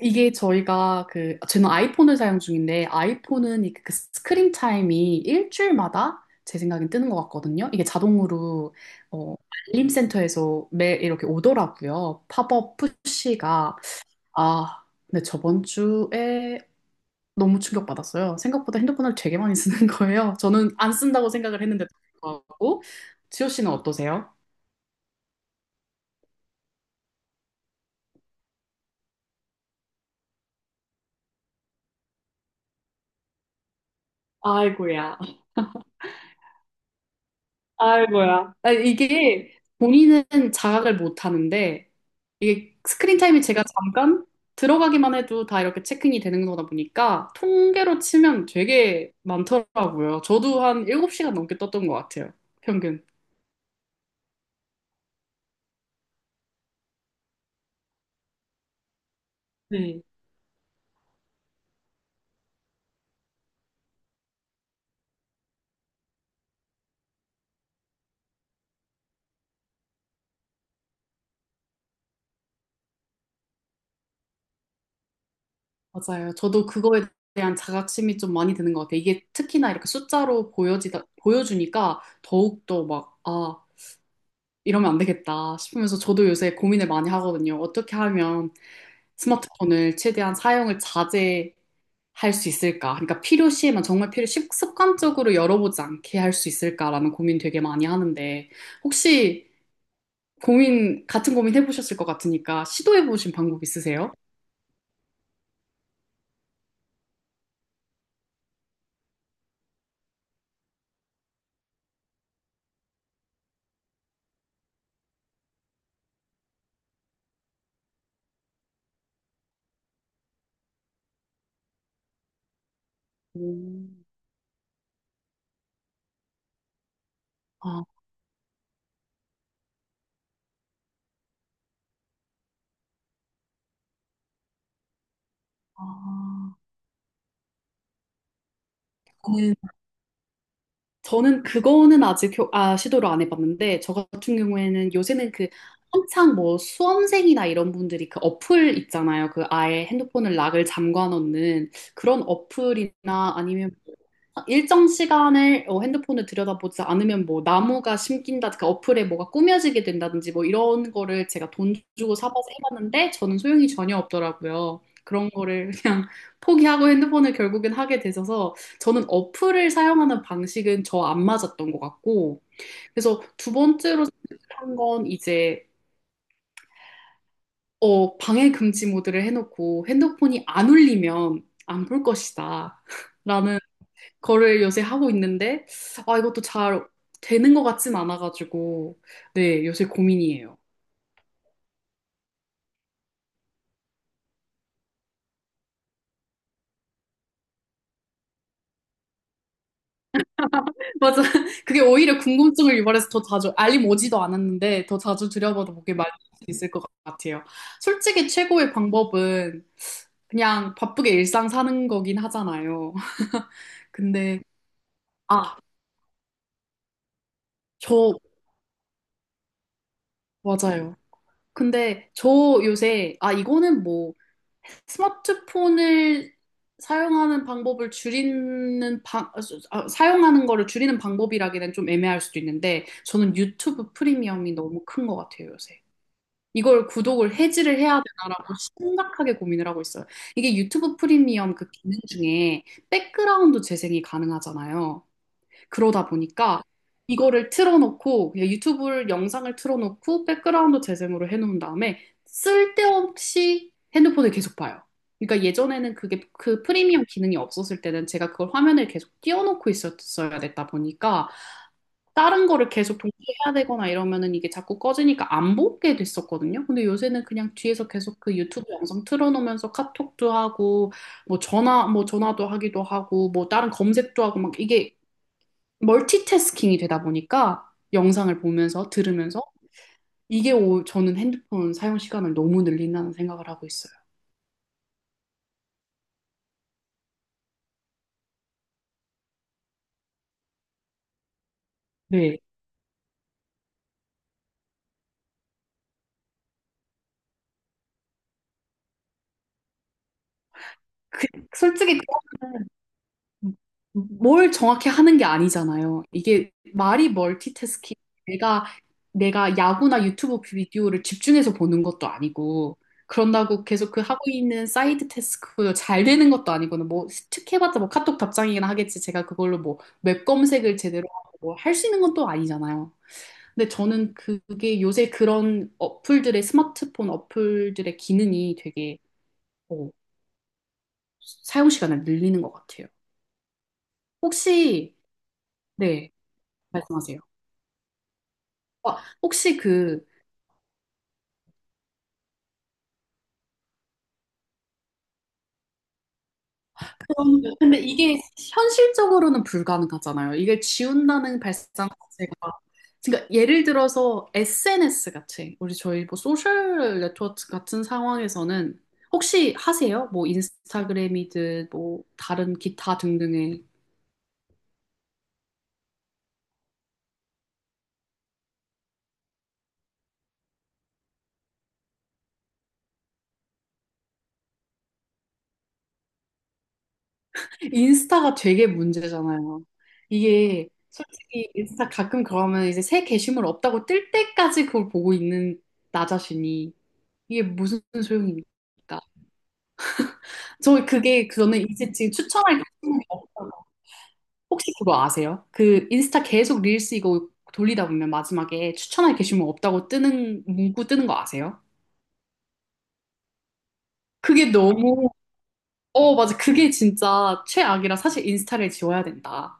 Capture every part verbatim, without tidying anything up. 이게 저희가 그 저는 아이폰을 사용 중인데 아이폰은 이그 스크린 타임이 일주일마다 제 생각엔 뜨는 것 같거든요. 이게 자동으로 어, 알림 센터에서 매일 이렇게 오더라고요. 팝업 푸시가. 아, 근데 저번 주에 너무 충격받았어요. 생각보다 핸드폰을 되게 많이 쓰는 거예요. 저는 안 쓴다고 생각을 했는데도 불구하고. 지호 씨는 어떠세요? 아이고야. 아이고야. 아, 이게 본인은 자각을 못 하는데, 이게 스크린 타임이 제가 잠깐 들어가기만 해도 다 이렇게 체크인이 되는 거다 보니까 통계로 치면 되게 많더라고요. 저도 한 일곱 시간 넘게 떴던 것 같아요. 평균. 네. 맞아요. 저도 그거에 대한 자각심이 좀 많이 드는 것 같아요. 이게 특히나 이렇게 숫자로 보여지다, 보여주니까 더욱더 막, 아, 이러면 안 되겠다 싶으면서 저도 요새 고민을 많이 하거든요. 어떻게 하면 스마트폰을 최대한 사용을 자제할 수 있을까? 그러니까 필요시에만 정말 필요, 식- 습관적으로 열어보지 않게 할 수 있을까라는 고민 되게 많이 하는데, 혹시 고민, 같은 고민 해보셨을 것 같으니까 시도해보신 방법 있으세요? 음. 아, 아, 저는 그거는 아직 교- 아, 시도를 안 해봤는데, 저 같은 경우에는 요새는 그 한창 뭐 수험생이나 이런 분들이 그 어플 있잖아요. 그 아예 핸드폰을 락을 잠궈 놓는 그런 어플이나 아니면 뭐 일정 시간을 어, 핸드폰을 들여다보지 않으면 뭐 나무가 심긴다, 그 어플에 뭐가 꾸며지게 된다든지 뭐 이런 거를 제가 돈 주고 사봐서 해봤는데 저는 소용이 전혀 없더라고요. 그런 거를 그냥 포기하고 핸드폰을 결국엔 하게 되셔서, 저는 어플을 사용하는 방식은 저 안 맞았던 것 같고, 그래서 두 번째로 한 건 이제, 어, 방해 금지 모드를 해놓고 핸드폰이 안 울리면 안 볼 것이다. 라는 거를 요새 하고 있는데, 아, 이것도 잘 되는 것 같진 않아가지고, 네, 요새 고민이에요. 맞아. 그게 오히려 궁금증을 유발해서 더 자주, 알림 오지도 않았는데 더 자주 들여다보게 만들 수 있을 것 같아요. 솔직히 최고의 방법은 그냥 바쁘게 일상 사는 거긴 하잖아요. 근데, 아, 저, 맞아요. 근데 저 요새, 아, 이거는 뭐 스마트폰을 사용하는 방법을 줄이는 방, 아, 사용하는 거를 줄이는 방법이라기엔 좀 애매할 수도 있는데 저는 유튜브 프리미엄이 너무 큰 것 같아요, 요새. 이걸 구독을 해지를 해야 되나라고 심각하게 고민을 하고 있어요. 이게 유튜브 프리미엄 그 기능 중에 백그라운드 재생이 가능하잖아요. 그러다 보니까 이거를 틀어놓고 그냥 유튜브 영상을 틀어놓고 백그라운드 재생으로 해놓은 다음에 쓸데없이 핸드폰을 계속 봐요. 그러니까 예전에는 그게 그 프리미엄 기능이 없었을 때는 제가 그걸 화면을 계속 띄워놓고 있었어야 됐다 보니까 다른 거를 계속 동시에 해야 되거나 이러면은 이게 자꾸 꺼지니까 안 보게 됐었거든요. 근데 요새는 그냥 뒤에서 계속 그 유튜브 영상 틀어놓으면서 카톡도 하고 뭐 전화 뭐 전화도 하기도 하고 뭐 다른 검색도 하고 막 이게 멀티태스킹이 되다 보니까 영상을 보면서 들으면서 이게 오, 저는 핸드폰 사용 시간을 너무 늘린다는 생각을 하고 있어요. 네. 그, 솔직히 뭘 정확히 하는 게 아니잖아요. 이게 말이 멀티태스킹. 내가 내가 야구나 유튜브 비디오를 집중해서 보는 것도 아니고 그런다고 계속 그 하고 있는 사이드 태스크 잘 되는 것도 아니고는 뭐 스틱해봤자 뭐 카톡 답장이긴 하겠지. 제가 그걸로 뭐 웹 검색을 제대로 하고 뭐, 할수 있는 것도 아니잖아요. 근데 저는 그게 요새 그런 어플들의 스마트폰 어플들의 기능이 되게 어, 사용 시간을 늘리는 것 같아요. 혹시. 네, 말씀하세요. 와, 혹시 그, 그런. 근데 이게 현실적으로는 불가능하잖아요. 이걸 지운다는 발상 자체가. 그러니까 예를 들어서 에스엔에스 같이, 우리 저희 뭐 소셜 네트워크 같은 상황에서는 혹시 하세요? 뭐 인스타그램이든 뭐 다른 기타 등등의. 인스타가 되게 문제잖아요. 이게 솔직히 인스타 가끔 그러면 이제 새 게시물 없다고 뜰 때까지 그걸 보고 있는 나 자신이 이게 무슨 소용입니까? 저 그게 저는 이제 지금 추천할 게 없어요. 혹시 그거 아세요? 그 인스타 계속 릴스 이거 돌리다 보면 마지막에 추천할 게시물 없다고 뜨는 문구 뜨는 거 아세요? 그게 너무. 어 맞아. 그게 진짜 최악이라 사실 인스타를 지워야 된다.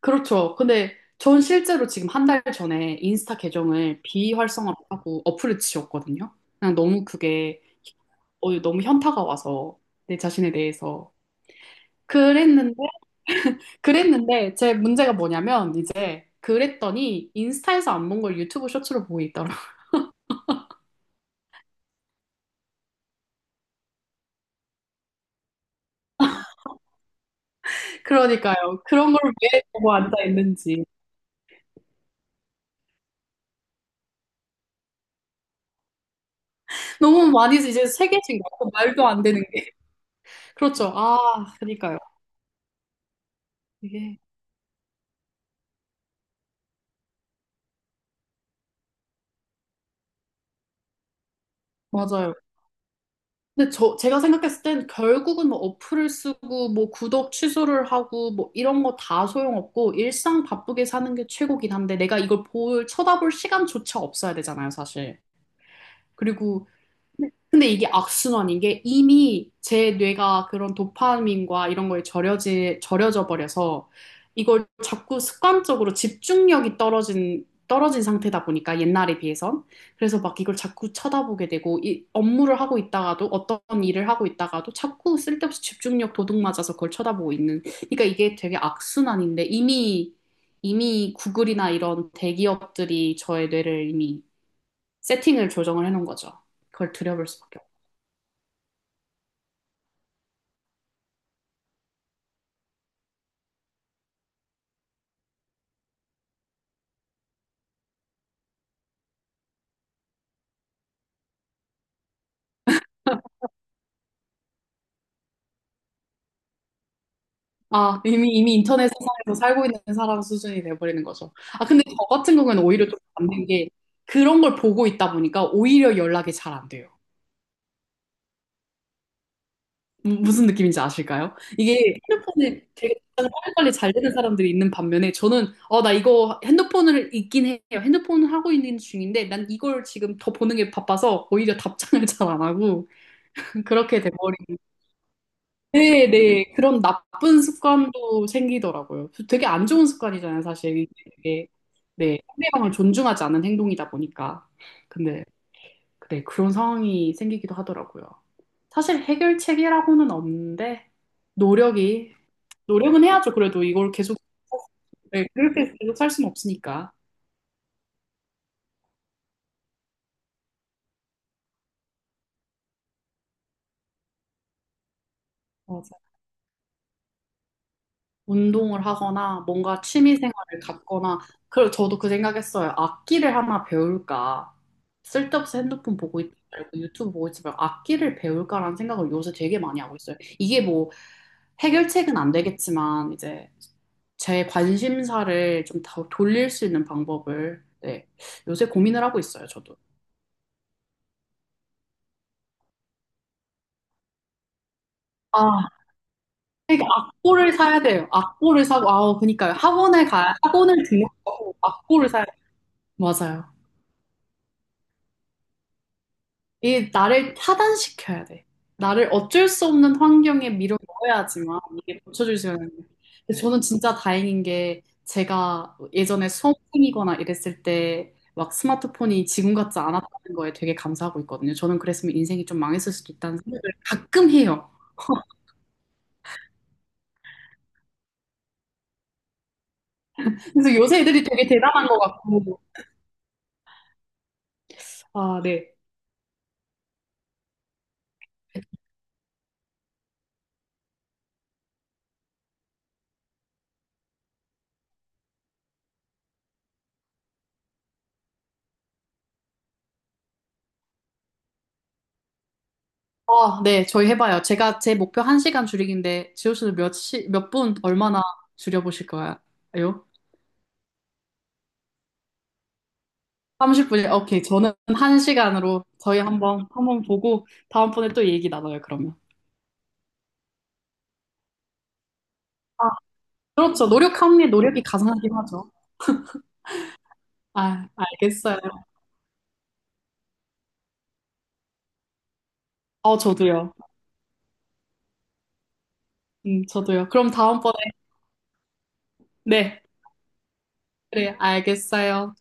그렇죠. 근데 전 실제로 지금 한 달 전에 인스타 계정을 비활성화하고 어플을 지웠거든요. 그냥 너무 그게 어, 너무 현타가 와서 내 자신에 대해서 그랬는데 그랬는데 제 문제가 뭐냐면 이제 그랬더니 인스타에서 안 본 걸 유튜브 쇼츠로 보고 있더라. 그러니까요. 그런 걸 왜 보고 앉아 있는지. 너무 많이 이제 세계신 거고 말도 안 되는 게. 그렇죠. 아, 그러니까요. 이게 맞아요. 근데 저 제가 생각했을 땐 결국은 뭐 어플을 쓰고 뭐 구독 취소를 하고 뭐 이런 거 다 소용없고 일상 바쁘게 사는 게 최고긴 한데 내가 이걸 볼 쳐다볼 시간조차 없어야 되잖아요, 사실. 그리고 네. 근데 이게 악순환인 게 이미 제 뇌가 그런 도파민과 이런 거에 절여지, 절여져 버려서 이걸 자꾸 습관적으로 집중력이 떨어진, 떨어진 상태다 보니까 옛날에 비해선. 그래서 막 이걸 자꾸 쳐다보게 되고 이 업무를 하고 있다가도 어떤 일을 하고 있다가도 자꾸 쓸데없이 집중력 도둑 맞아서 그걸 쳐다보고 있는. 그러니까 이게 되게 악순환인데 이미 이미 구글이나 이런 대기업들이 저의 뇌를 이미 세팅을 조정을 해놓은 거죠. 그걸 들여볼 수밖에. 아, 이미, 이미 인터넷 세상에서 살고 있는 사람 수준이 돼버리는 거죠. 아, 근데 저 같은 경우에는 오히려 좀 반대게 그런 걸 보고 있다 보니까 오히려 연락이 잘 안 돼요. 무- 무슨 느낌인지 아실까요? 이게 핸드폰에 되게 빨리빨리 잘 되는 사람들이 있는 반면에 저는 어, 나 이거 핸드폰을 있긴 해요. 핸드폰을 하고 있는 중인데 난 이걸 지금 더 보는 게 바빠서 오히려 답장을 잘 안 하고. 그- 그렇게 돼버리는. 네, 네. 그런 나쁜 습관도 생기더라고요. 되게 안 좋은 습관이잖아요, 사실. 이게 되게, 네, 상대방을 존중하지 않은 행동이다 보니까. 근데, 네, 그런 상황이 생기기도 하더라고요. 사실 해결책이라고는 없는데, 노력이, 노력은 해야죠. 그래도 이걸 계속, 네, 그렇게 계속 살 수는 없으니까. 어, 운동을 하거나 뭔가 취미 생활을 갖거나. 그리고 저도 그 생각했어요. 악기를 하나 배울까? 쓸데없이 핸드폰 보고 있지 말고 유튜브 보고 있지 말고 악기를 배울까라는 생각을 요새 되게 많이 하고 있어요. 이게 뭐 해결책은 안 되겠지만 이제 제 관심사를 좀 더 돌릴 수 있는 방법을. 네, 요새 고민을 하고 있어요, 저도. 아, 그러니까 악보를 사야 돼요. 악보를 사고, 아, 그니까요. 학원에 가야, 학원을 등록하고 악보를 사야 돼요. 맞아요. 이 나를 타단시켜야 돼. 나를 어쩔 수 없는 환경에 밀어 넣어야지만 이게 고쳐질 수 있는 거예요. 근데 저는 진짜 다행인 게 제가 예전에 수험생이거나 이랬을 때 막 스마트폰이 지금 같지 않았다는 거에 되게 감사하고 있거든요. 저는 그랬으면 인생이 좀 망했을 수도 있다는 생각을 가끔 해요. 그래서 요새 애들이 되게 대단한 것 같고. 아, 네. 아, 네. 저희 해봐요. 제가 제 목표 한 시간 줄이기인데 지호 씨는 몇 시, 몇 분, 얼마나 줄여보실 거예요? 삼십 분이, 오케이. 저는 한 시간으로 저희 한번, 한번 보고, 다음번에 또 얘기 나눠요, 그러면. 아, 그렇죠. 노력함에 노력이 가상하긴 하죠. 아, 알겠어요. 어, 저도요. 음, 저도요. 그럼 다음번에, 네. 그래, 알겠어요.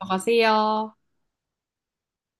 들어가세요.